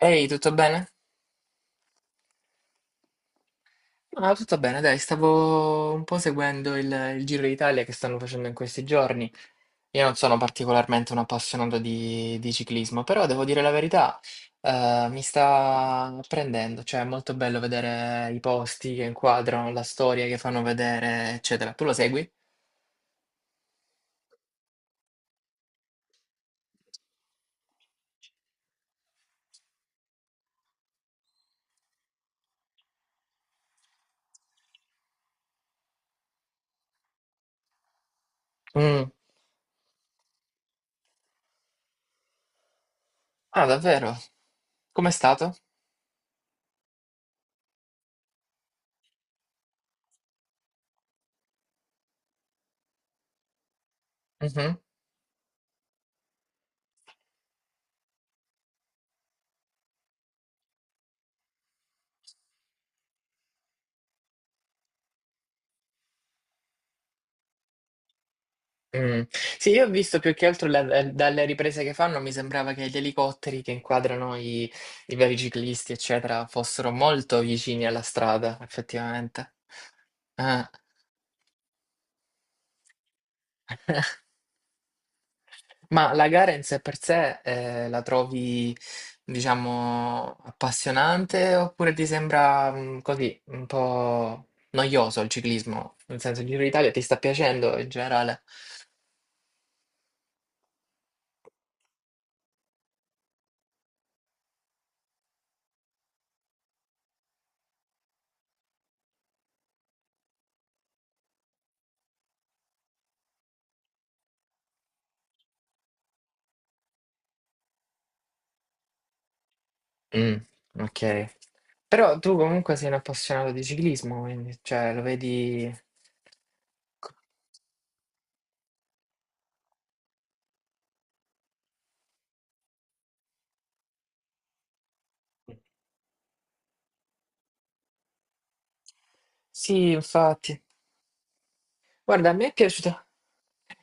Ehi, tutto bene? Ah, tutto bene, dai, stavo un po' seguendo il Giro d'Italia che stanno facendo in questi giorni. Io non sono particolarmente un appassionato di ciclismo, però devo dire la verità, mi sta prendendo, cioè è molto bello vedere i posti che inquadrano, la storia che fanno vedere, eccetera. Tu lo segui? Mm. Ah, davvero? Com'è stato? Mm-hmm. Mh. Sì, io ho visto più che altro la dalle riprese che fanno mi sembrava che gli elicotteri che inquadrano i vari ciclisti, eccetera, fossero molto vicini alla strada, effettivamente. Eh. Ma la gara in sé per sé, la trovi, diciamo, appassionante oppure ti sembra, così, un po' noioso il ciclismo? Nel senso, il Giro d'Italia ti sta piacendo in generale? Mh, okay. Però tu comunque sei un appassionato di ciclismo, quindi cioè lo vedi. Co Sì, infatti. Guarda, a me è piaciuta.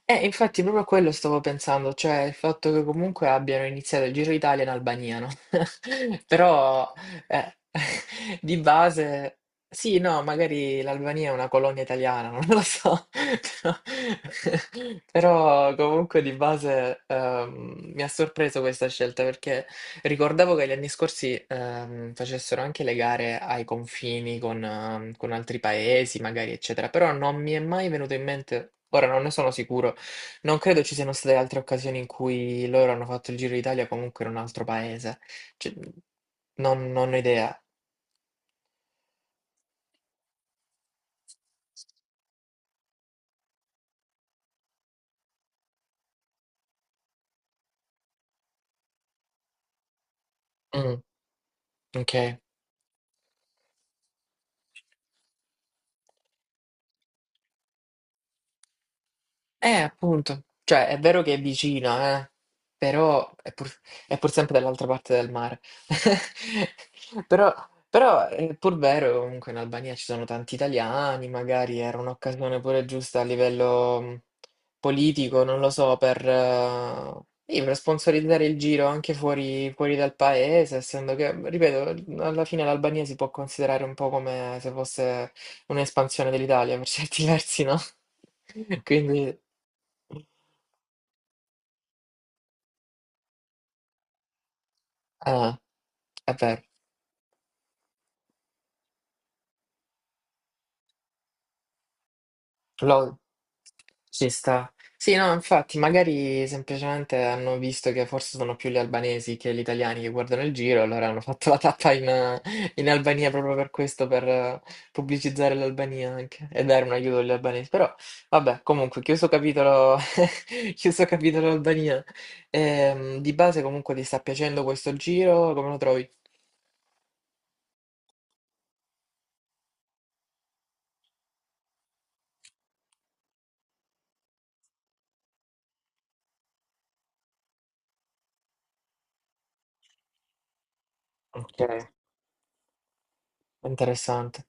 Infatti proprio a quello stavo pensando, cioè il fatto che comunque abbiano iniziato il Giro d'Italia in Albania, no? Però eh, di base, sì, no, magari l'Albania è una colonia italiana, non lo so, però, però comunque di base mi ha sorpreso questa scelta perché ricordavo che gli anni scorsi facessero anche le gare ai confini con altri paesi, magari, eccetera, però non mi è mai venuto in mente, ora non ne sono sicuro, non credo ci siano state altre occasioni in cui loro hanno fatto il Giro d'Italia comunque in un altro paese. Cioè, non ho idea. Mm, ok. Appunto. Cioè, è vero che è vicina, però è pur sempre dall'altra parte del mare. Però, però è pur vero che comunque in Albania ci sono tanti italiani, magari era un'occasione pure giusta a livello politico, non lo so, sì, per sponsorizzare il giro anche fuori dal paese, essendo che, ripeto, alla fine l'Albania si può considerare un po' come se fosse un'espansione dell'Italia per certi versi, no? Quindi, eh, è vero, lo- ci sta. Sì, no, infatti, magari semplicemente hanno visto che forse sono più gli albanesi che gli italiani che guardano il giro, allora hanno fatto la tappa in Albania proprio per questo, per pubblicizzare l'Albania anche e dare un aiuto agli albanesi. Però, vabbè, comunque, chiuso capitolo, chiuso capitolo Albania. Di base, comunque, ti sta piacendo questo giro? Come lo trovi? Okay, interessante.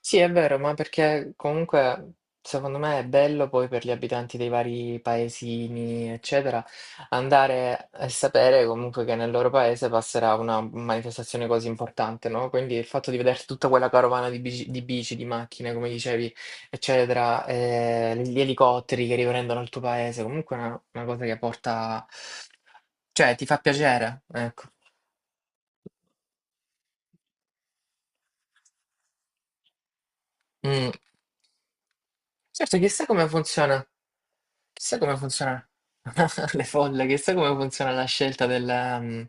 Sì, è vero, ma perché comunque secondo me è bello poi per gli abitanti dei vari paesini, eccetera, andare e sapere comunque che nel loro paese passerà una manifestazione così importante, no, quindi il fatto di vedere tutta quella carovana di bici di bici, di macchine, come dicevi, eccetera, gli elicotteri che riprendono il tuo paese, comunque è una cosa che porta, cioè ti fa piacere, ecco. Mh. Certo, chissà come funziona le folle, chissà come funziona la scelta della,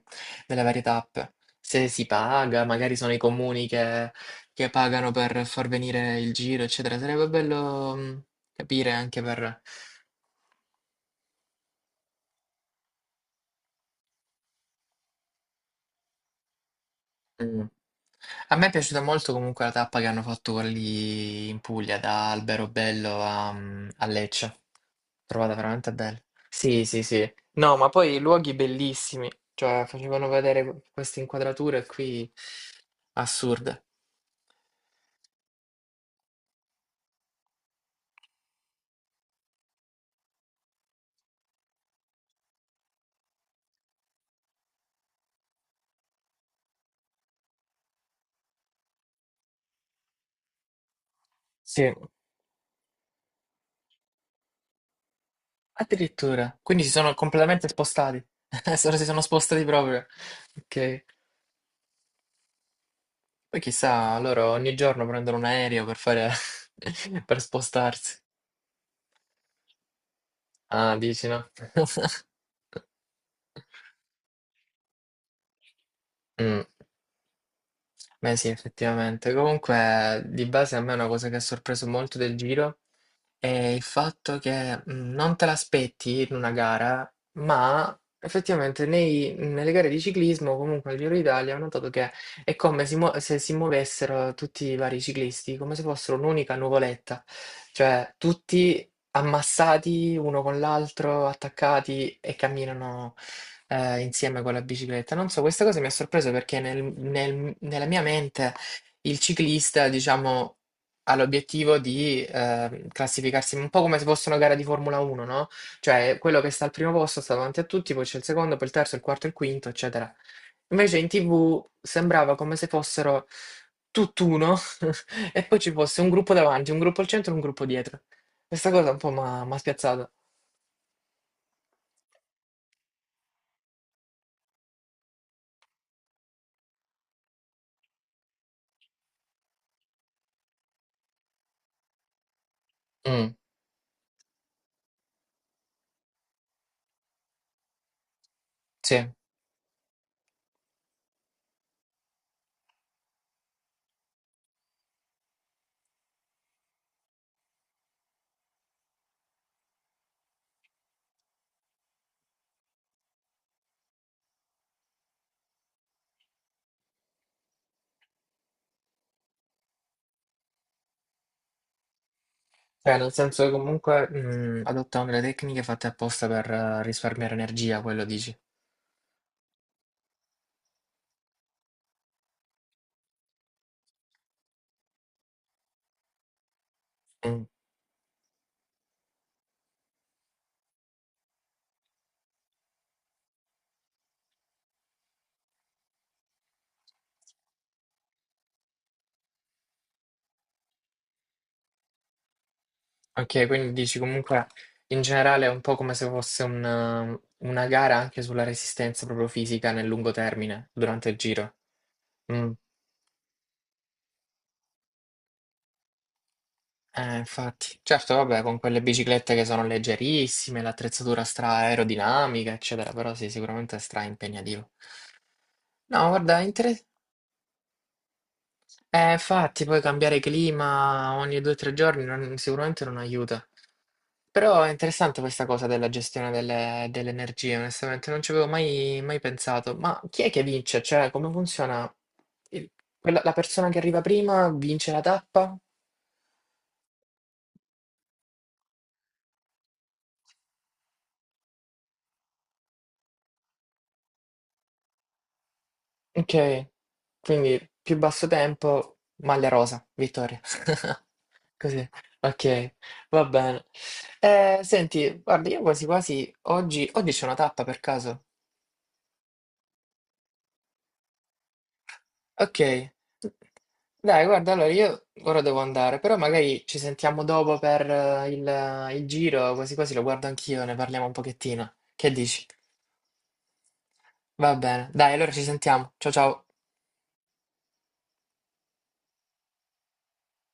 delle varie tappe. Se si paga, magari sono i comuni che pagano per far venire il giro, eccetera. Sarebbe bello, capire anche Mm. A me è piaciuta molto comunque la tappa che hanno fatto quella lì in Puglia, da Alberobello a Lecce. L'ho trovata veramente bella. Sì, sì, sì. No, ma poi luoghi bellissimi, cioè facevano vedere queste inquadrature qui assurde. Sì, addirittura. Quindi si sono completamente spostati. Solo si sono spostati proprio. Ok. Poi chissà, loro ogni giorno prendono un aereo per fare per spostarsi. Ah, dici no? Mh. Beh sì, effettivamente. Comunque di base a me è una cosa che ha sorpreso molto del Giro, e il fatto che non te l'aspetti in una gara, ma effettivamente nei nelle gare di ciclismo, comunque al Giro d'Italia, ho notato che è come si muo se si muovessero tutti i vari ciclisti, come se fossero un'unica nuvoletta, cioè tutti ammassati uno con l'altro, attaccati e camminano, insieme con la bicicletta. Non so, questa cosa mi ha sorpreso perché nella mia mente il ciclista, diciamo ha l'obiettivo di classificarsi un po' come se fosse una gara di Formula 1, no? Cioè quello che sta al primo posto sta davanti a tutti, poi c'è il secondo, poi il terzo, il quarto, il quinto, eccetera. Invece in TV sembrava come se fossero tutt'uno e poi ci fosse un gruppo davanti, un gruppo al centro e un gruppo dietro. Questa cosa un po' mi ha spiazzato. Mm, sì. Cioè, nel senso che comunque adottano delle tecniche fatte apposta per risparmiare energia, quello dici. Mm. Ok, quindi dici comunque in generale è un po' come se fosse una gara anche sulla resistenza proprio fisica nel lungo termine, durante il giro. Mm. Infatti. Certo, vabbè, con quelle biciclette che sono leggerissime, l'attrezzatura stra aerodinamica, eccetera, però sì, sicuramente è stra impegnativo. No, guarda. Infatti, poi cambiare clima ogni 2 o 3 giorni non sicuramente non aiuta. Però è interessante questa cosa della gestione delle, delle energie, onestamente, non ci avevo mai, mai pensato. Ma chi è che vince? Cioè, come funziona? Il- la persona che arriva prima vince la tappa? Ok, quindi più basso tempo, maglia rosa, vittoria. Così, ok, va bene. Senti, guarda, io quasi quasi oggi c'è una tappa per caso. Ok. Dai, guarda, allora io ora devo andare, però magari ci sentiamo dopo per il giro, quasi quasi lo guardo anch'io, ne parliamo un pochettino. Che dici? Va bene, dai, allora ci sentiamo. Ciao ciao.